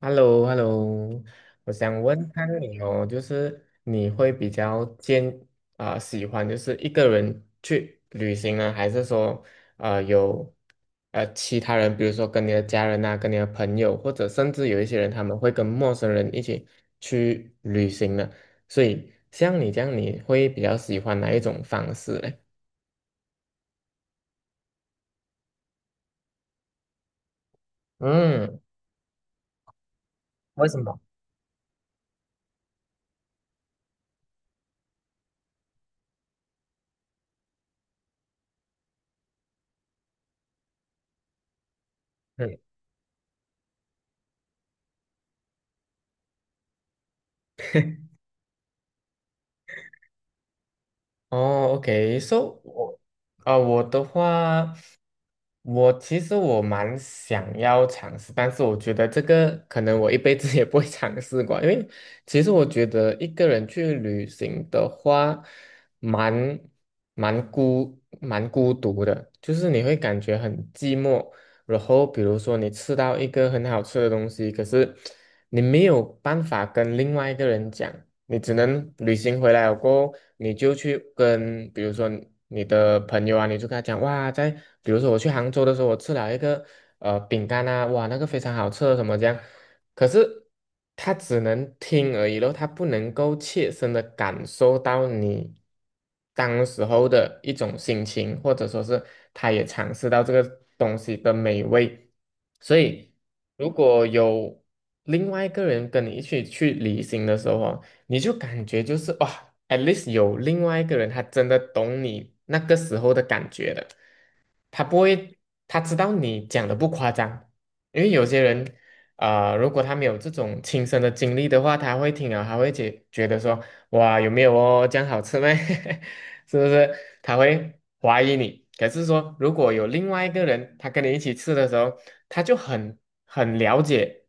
h e l l o h e l l o 我想问看你哦，就是你会比较坚啊、喜欢就是一个人去旅行呢，还是说呃有呃其他人，比如说跟你的家人啊，跟你的朋友，或者甚至有一些人他们会跟陌生人一起去旅行呢？所以像你这样，你会比较喜欢哪一种方式嘞？嗯，为什么？嗯。哦，OK，so 我啊、我的话，我其实蛮想要尝试，但是我觉得这个可能我一辈子 也不会尝试过，因为其实我觉得一个人去旅行的话，蛮蛮孤蛮孤独的，就是你会感觉很寂寞。然后比如说你吃到一个很好吃的东西，可是你没有办法跟另外一个人讲。你只能旅行回来了过后，你就去跟，比如说你的朋友啊，你就跟他讲，哇，在比如说我去杭州的时候，我吃了一个饼干啊，哇，那个非常好吃，什么这样。可是他只能听而已咯，他不能够切身的感受到你当时候的一种心情，或者说是他也尝试到这个东西的美味。所以，如果有另外一个人跟你一起去旅行的时候哦你就感觉就是哇，at least 有另外一个人，他真的懂你那个时候的感觉的，他不会，他知道你讲的不夸张，因为有些人，如果他没有这种亲身的经历的话，他会听了，他会觉得说，哇，有没有哦，这样好吃吗？是不是？他会怀疑你。可是说，如果有另外一个人，他跟你一起吃的时候，他就很了解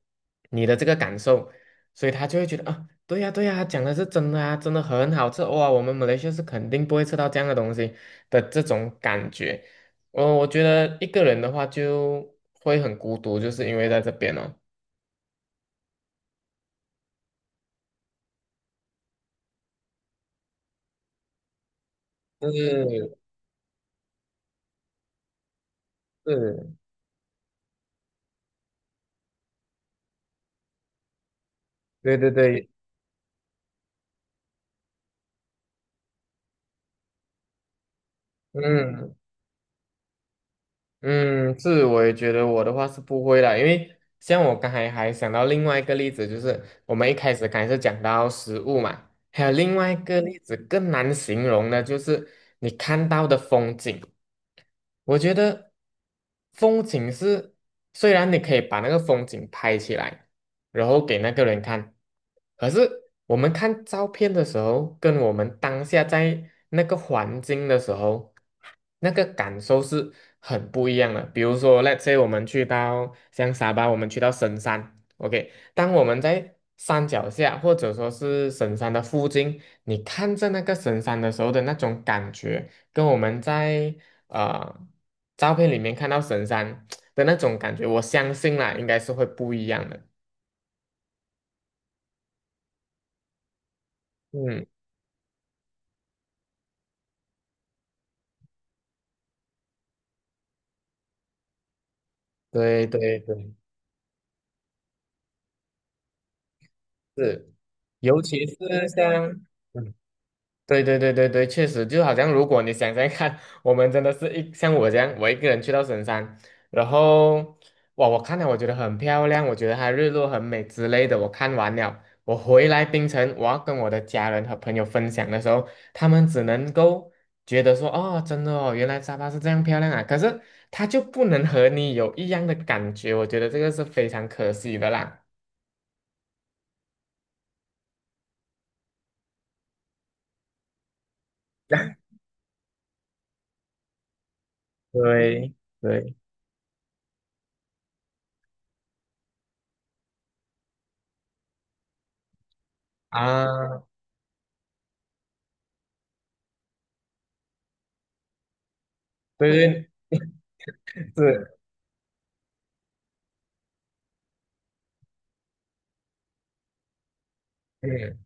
你的这个感受。所以他就会觉得啊，对呀，对呀，讲的是真的啊，真的很好吃哇！我们马来西亚是肯定不会吃到这样的东西的这种感觉。我觉得一个人的话就会很孤独，就是因为在这边哦。是，对对对，嗯嗯，是，我也觉得我的话是不会啦，因为像我刚才还想到另外一个例子，就是我们一开始刚才是讲到食物嘛，还有另外一个例子更难形容的，就是你看到的风景。我觉得风景是，虽然你可以把那个风景拍起来，然后给那个人看，可是我们看照片的时候，跟我们当下在那个环境的时候，那个感受是很不一样的。比如说，let's say 我们去到像沙巴，我们去到神山，OK，当我们在山脚下或者说是神山的附近，你看着那个神山的时候的那种感觉。跟我们在啊，照片里面看到神山 的那种感觉，我相信啦，应该是会不一样的。嗯，对对对，是，尤其是像嗯对对对对对，确实，就好像如果你想想看，我们真的是一像我这样，我一个人去到神山，然后哇，我看了我觉得很漂亮，我觉得它日落很美之类的，我看完了，我回来槟城，我要跟我的家人和朋友分享的时候，他们只能够觉得说，哦，真的哦，原来沙发是这样漂亮啊，可是它就不能和你有一样的感觉，我觉得这个是非常可惜的啦。对对啊，对对是。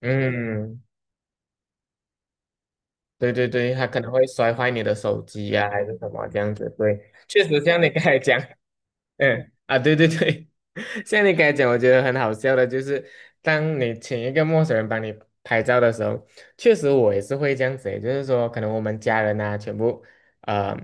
嗯，对对对，他可能会摔坏你的手机呀、还是什么这样子。对，确实像你刚才讲，嗯啊，对对对，像你刚才讲，我觉得很好笑的，就是当你请一个陌生人帮你拍照的时候，确实我也是会这样子欸，也就是说，可能我们家人啊，全部呃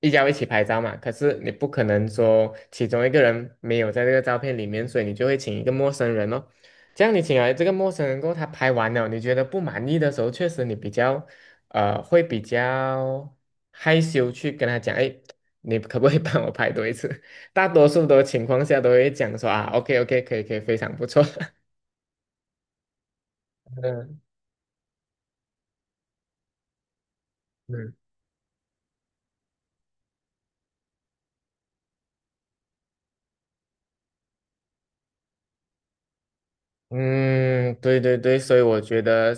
一家一起拍照嘛，可是你不可能说其中一个人没有在这个照片里面，所以你就会请一个陌生人哦。这样你请来这个陌生人过后，他拍完了，你觉得不满意的时候，确实你比较呃会比较害羞去跟他讲，哎，你可不可以帮我拍多一次？大多数的情况下都会讲说啊，OK OK，可以可以，非常不错。嗯嗯，嗯，对对对，所以我觉得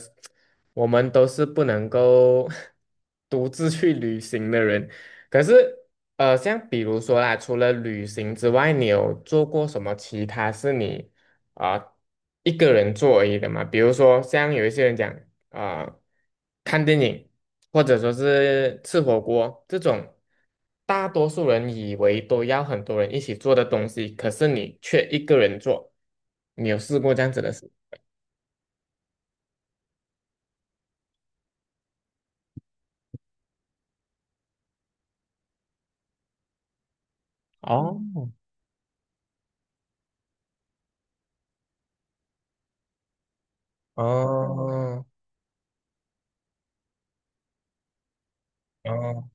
我们都是不能够 独自去旅行的人。可是，像比如说啦，除了旅行之外，你有做过什么其他是你啊、一个人做而已的吗？比如说，像有一些人讲啊、看电影或者说是吃火锅这种，大多数人以为都要很多人一起做的东西，可是你却一个人做，你有试过这样子的？事？哦哦哦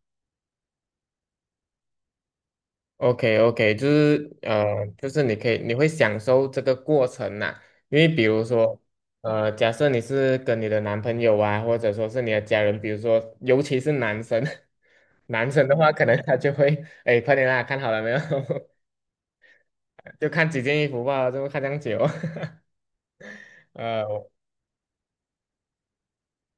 ，OK OK，就是就是你可以，你会享受这个过程呐、因为比如说，假设你是跟你的男朋友啊，或者说是你的家人，比如说，尤其是男生，男生的话，可能他就会，哎，快点啦，看好了没有？就看几件衣服吧，就看这样久。呃。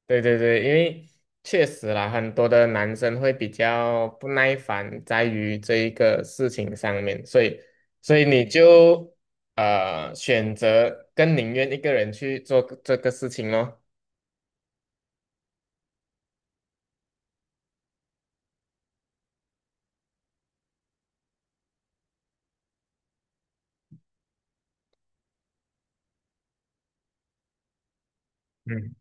对对对，因为确实啦，很多的男生会比较不耐烦在于这一个事情上面，所以你就选择更宁愿一个人去做个这个事情咯。嗯，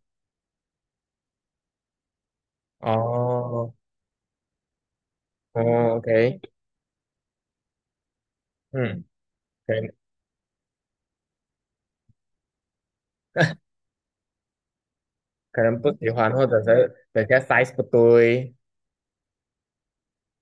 哦，哦，OK，嗯，可能可能不喜欢，或者是等下 size 不对。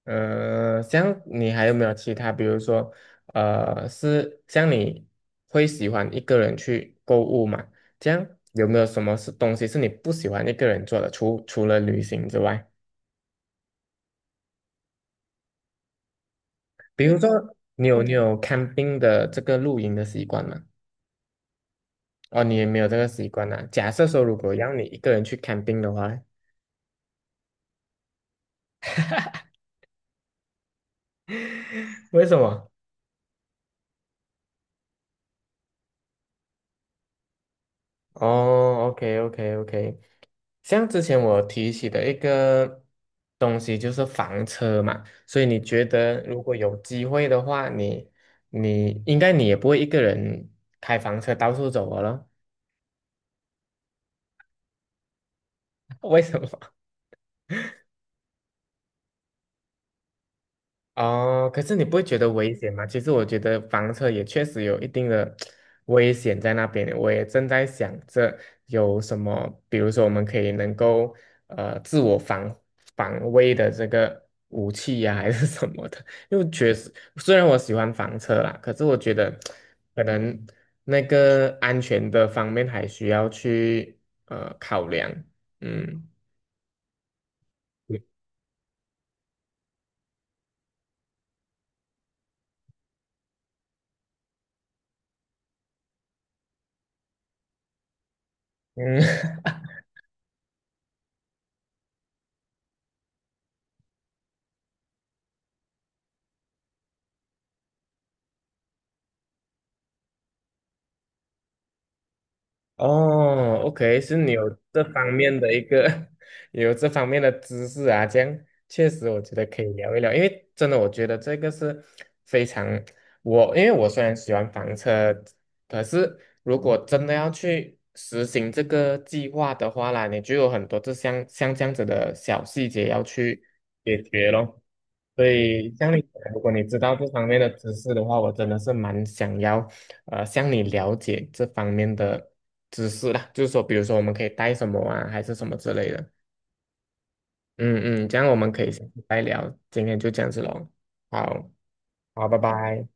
像你还有没有其他，比如说，是像你会喜欢一个人去购物嘛？这样有没有什么是东西是你不喜欢一个人做的？除了旅行之外，比如说你有你有看病的这个露营的习惯吗？哦，你也没有这个习惯啊。假设说，如果让你一个人去看病的话，为什么？哦，OK OK OK，像之前我提起的一个东西就是房车嘛，所以你觉得如果有机会的话，你应该你也不会一个人开房车到处走了咯 为什么？哦，可是你不会觉得危险吗？其实我觉得房车也确实有一定的危险在那边。我也正在想着有什么，比如说我们可以能够自我防卫的这个武器呀、还是什么的。因为确实，虽然我喜欢房车啦，可是我觉得可能那个安全的方面还需要去考量。嗯嗯，哦，OK，是你有这方面的一个 有这方面的知识啊，这样确实我觉得可以聊一聊，因为真的我觉得这个是非常我，因为我虽然喜欢房车，可是如果真的要去实行这个计划的话啦，你就有很多这像这样子的小细节要去解决咯。所以像你讲如果你知道这方面的知识的话，我真的是蛮想要，向你了解这方面的知识啦。就是说，比如说我们可以带什么啊，还是什么之类的。嗯嗯，这样我们可以下次再聊。今天就这样子喽。好，好，拜拜。